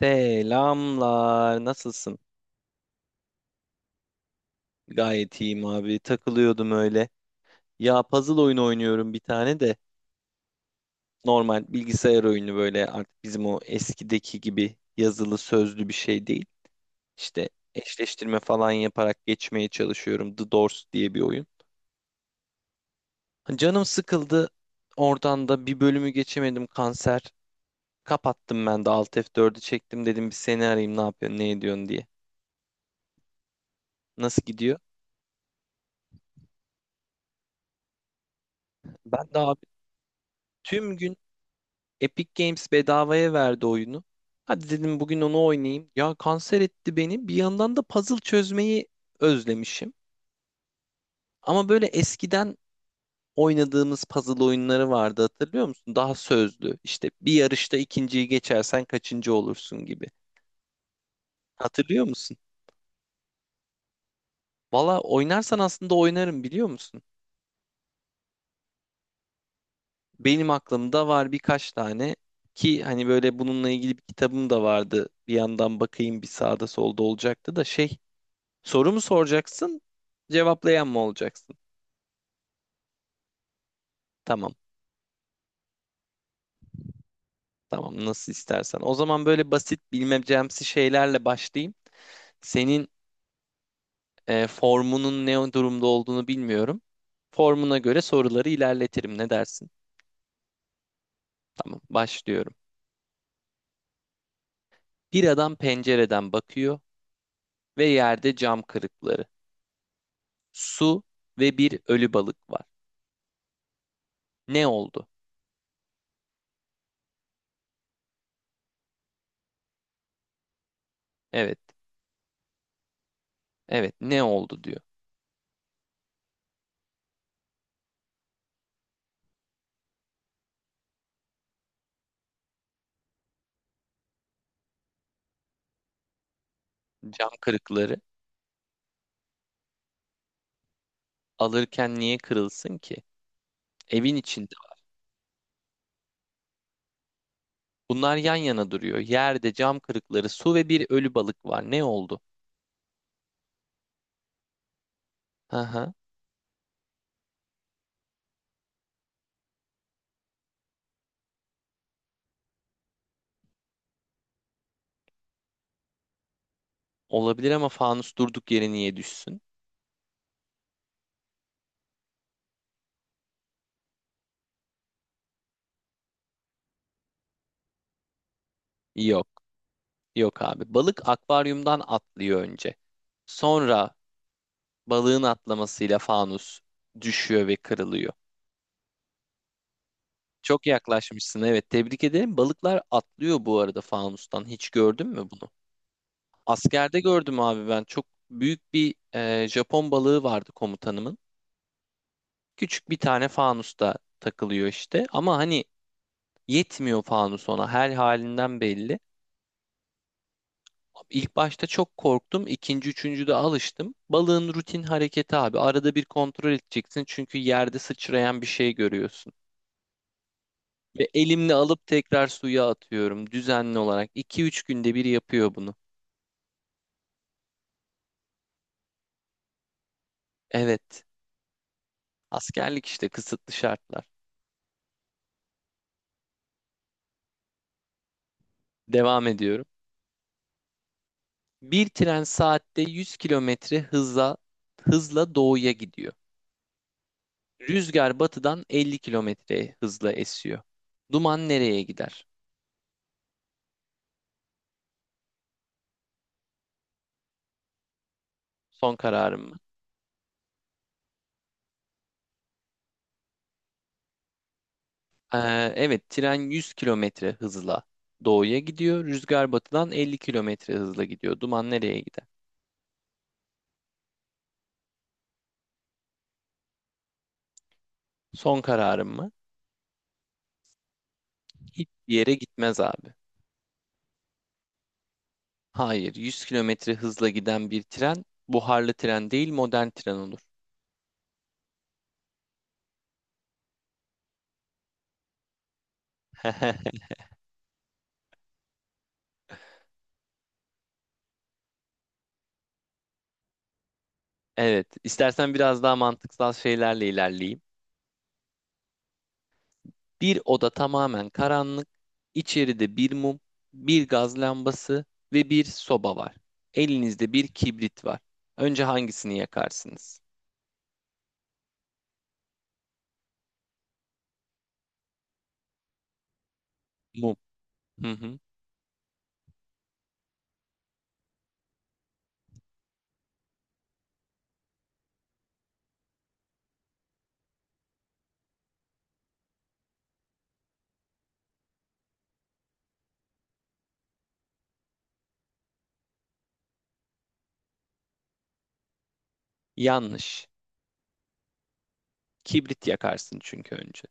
Selamlar. Nasılsın? Gayet iyiyim abi. Takılıyordum öyle. Ya puzzle oyunu oynuyorum bir tane de. Normal bilgisayar oyunu böyle artık bizim o eskideki gibi yazılı sözlü bir şey değil. İşte eşleştirme falan yaparak geçmeye çalışıyorum. The Doors diye bir oyun. Canım sıkıldı. Oradan da bir bölümü geçemedim kanser. Kapattım ben de Alt F4'ü çektim dedim bir seni arayayım ne yapıyorsun ne ediyorsun diye. Nasıl gidiyor? Ben de abi tüm gün Epic Games bedavaya verdi oyunu. Hadi dedim bugün onu oynayayım. Ya kanser etti beni. Bir yandan da puzzle çözmeyi özlemişim. Ama böyle eskiden oynadığımız puzzle oyunları vardı hatırlıyor musun? Daha sözlü. İşte bir yarışta ikinciyi geçersen kaçıncı olursun gibi. Hatırlıyor musun? Valla oynarsan aslında oynarım biliyor musun? Benim aklımda var birkaç tane ki hani böyle bununla ilgili bir kitabım da vardı. Bir yandan bakayım bir sağda solda olacaktı da şey. Soru mu soracaksın, cevaplayan mı olacaksın? Tamam, tamam. Nasıl istersen. O zaman böyle basit bilmecemsi şeylerle başlayayım. Senin formunun ne durumda olduğunu bilmiyorum. Formuna göre soruları ilerletirim. Ne dersin? Tamam, başlıyorum. Bir adam pencereden bakıyor ve yerde cam kırıkları, su ve bir ölü balık var. Ne oldu? Evet, evet. Ne oldu diyor. Cam kırıkları alırken niye kırılsın ki? Evin içinde. Bunlar yan yana duruyor. Yerde cam kırıkları, su ve bir ölü balık var. Ne oldu? Hı hı. Olabilir ama fanus durduk yere niye düşsün? Yok. Yok abi. Balık akvaryumdan atlıyor önce. Sonra balığın atlamasıyla fanus düşüyor ve kırılıyor. Çok yaklaşmışsın. Evet, tebrik ederim. Balıklar atlıyor bu arada fanustan. Hiç gördün mü bunu? Askerde gördüm abi ben. Çok büyük bir Japon balığı vardı komutanımın. Küçük bir tane fanusta takılıyor işte. Ama hani yetmiyor fanus ona. Her halinden belli. İlk başta çok korktum. İkinci, üçüncüde alıştım. Balığın rutin hareketi abi. Arada bir kontrol edeceksin. Çünkü yerde sıçrayan bir şey görüyorsun. Ve elimle alıp tekrar suya atıyorum. Düzenli olarak. 2 üç günde bir yapıyor bunu. Evet. Askerlik işte kısıtlı şartlar. Devam ediyorum. Bir tren saatte 100 kilometre hızla doğuya gidiyor. Rüzgar batıdan 50 kilometre hızla esiyor. Duman nereye gider? Son kararım mı? Evet, tren 100 kilometre hızla doğuya gidiyor. Rüzgar batıdan 50 kilometre hızla gidiyor. Duman nereye gider? Son kararım mı? Hiçbir yere gitmez abi. Hayır, 100 kilometre hızla giden bir tren buharlı tren değil modern tren olur. Evet, istersen biraz daha mantıksal şeylerle ilerleyeyim. Bir oda tamamen karanlık, içeride bir mum, bir gaz lambası ve bir soba var. Elinizde bir kibrit var. Önce hangisini yakarsınız? Mum. Hı hı. Yanlış. Kibrit yakarsın çünkü önce.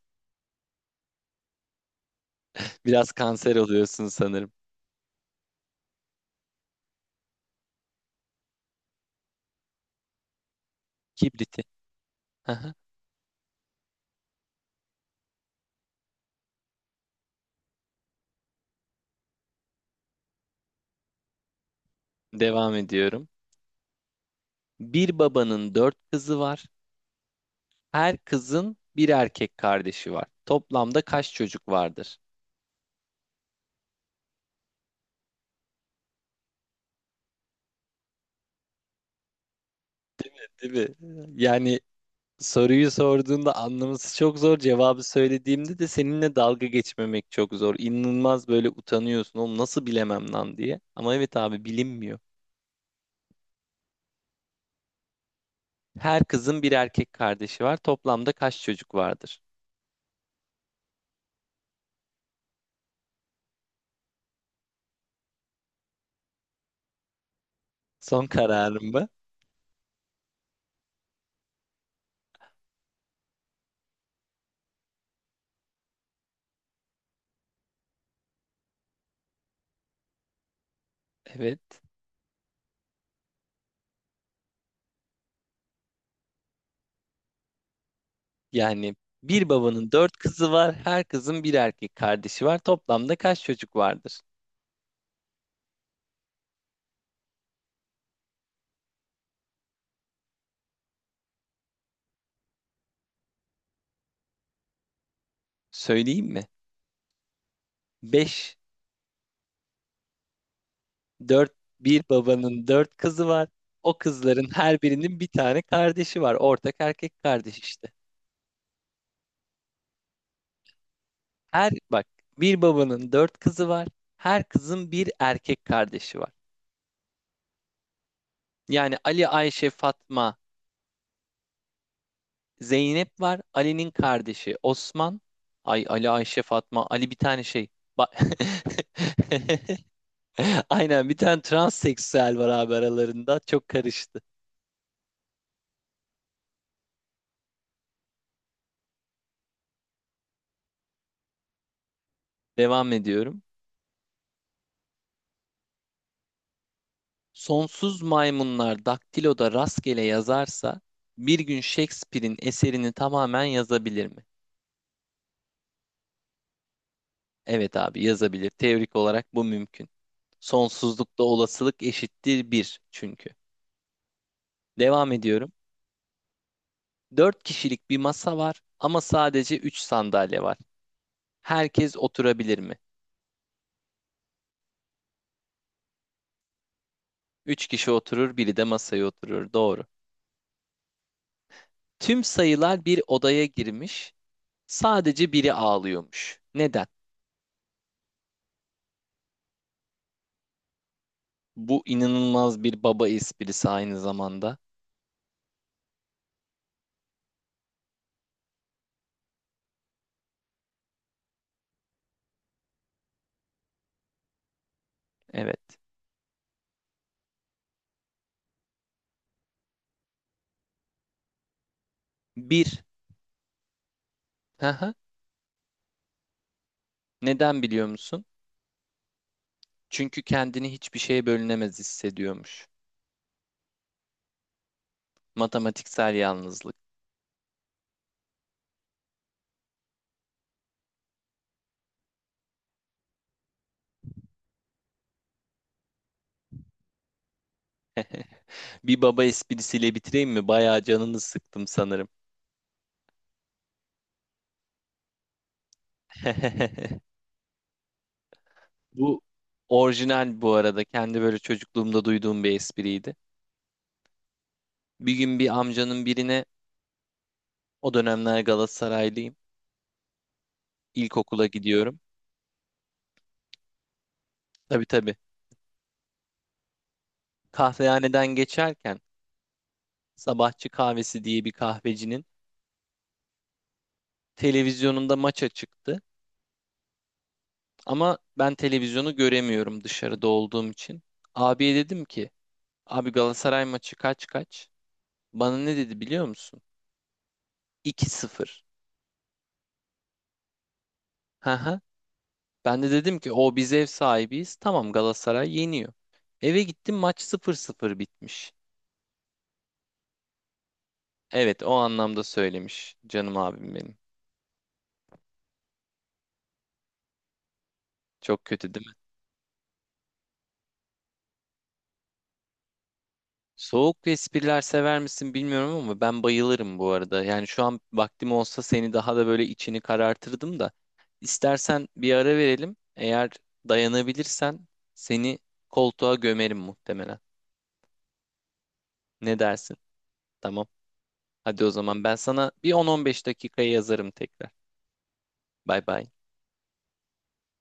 Biraz kanser oluyorsun sanırım. Kibriti. Hı hı. Devam ediyorum. Bir babanın dört kızı var. Her kızın bir erkek kardeşi var. Toplamda kaç çocuk vardır? Değil mi? Yani soruyu sorduğunda anlaması çok zor. Cevabı söylediğimde de seninle dalga geçmemek çok zor. İnanılmaz böyle utanıyorsun. Oğlum nasıl bilemem lan diye. Ama evet abi bilinmiyor. Her kızın bir erkek kardeşi var. Toplamda kaç çocuk vardır? Son kararım bu. Evet. Yani bir babanın dört kızı var. Her kızın bir erkek kardeşi var. Toplamda kaç çocuk vardır? Söyleyeyim mi? Beş. Dört, bir babanın dört kızı var. O kızların her birinin bir tane kardeşi var. Ortak erkek kardeş işte. Bak, bir babanın dört kızı var. Her kızın bir erkek kardeşi var. Yani Ali, Ayşe, Fatma, Zeynep var. Ali'nin kardeşi Osman. Ay Ali, Ayşe, Fatma. Ali bir tane şey. Ba- Aynen bir tane transseksüel var abi aralarında. Çok karıştı. Devam ediyorum. Sonsuz maymunlar daktiloda rastgele yazarsa bir gün Shakespeare'in eserini tamamen yazabilir mi? Evet abi yazabilir. Teorik olarak bu mümkün. Sonsuzlukta olasılık eşittir bir çünkü. Devam ediyorum. Dört kişilik bir masa var ama sadece 3 sandalye var. Herkes oturabilir mi? Üç kişi oturur, biri de masaya oturur. Doğru. Tüm sayılar bir odaya girmiş. Sadece biri ağlıyormuş. Neden? Bu inanılmaz bir baba esprisi aynı zamanda. Evet. Bir. Haha. Neden biliyor musun? Çünkü kendini hiçbir şeye bölünemez hissediyormuş. Matematiksel yalnızlık. Bir baba esprisiyle bitireyim mi? Bayağı canını sıktım sanırım. Bu orijinal bu arada. Kendi böyle çocukluğumda duyduğum bir espriydi. Bir gün bir amcanın birine o dönemler Galatasaraylıyım. İlkokula gidiyorum. Tabii tabii. Kahvehaneden geçerken sabahçı kahvesi diye bir kahvecinin televizyonunda maça çıktı. Ama ben televizyonu göremiyorum dışarıda olduğum için. Abiye dedim ki abi Galatasaray maçı kaç kaç? Bana ne dedi biliyor musun? 2 sıfır. Hı hı. Ben de dedim ki o biz ev sahibiyiz. Tamam Galatasaray yeniyor. Eve gittim maç sıfır sıfır bitmiş. Evet o anlamda söylemiş canım abim benim. Çok kötü değil mi? Soğuk espriler sever misin bilmiyorum ama ben bayılırım bu arada. Yani şu an vaktim olsa seni daha da böyle içini karartırdım da. İstersen bir ara verelim. Eğer dayanabilirsen seni koltuğa gömerim muhtemelen. Ne dersin? Tamam. Hadi o zaman ben sana bir 10-15 dakikaya yazarım tekrar. Bay bay.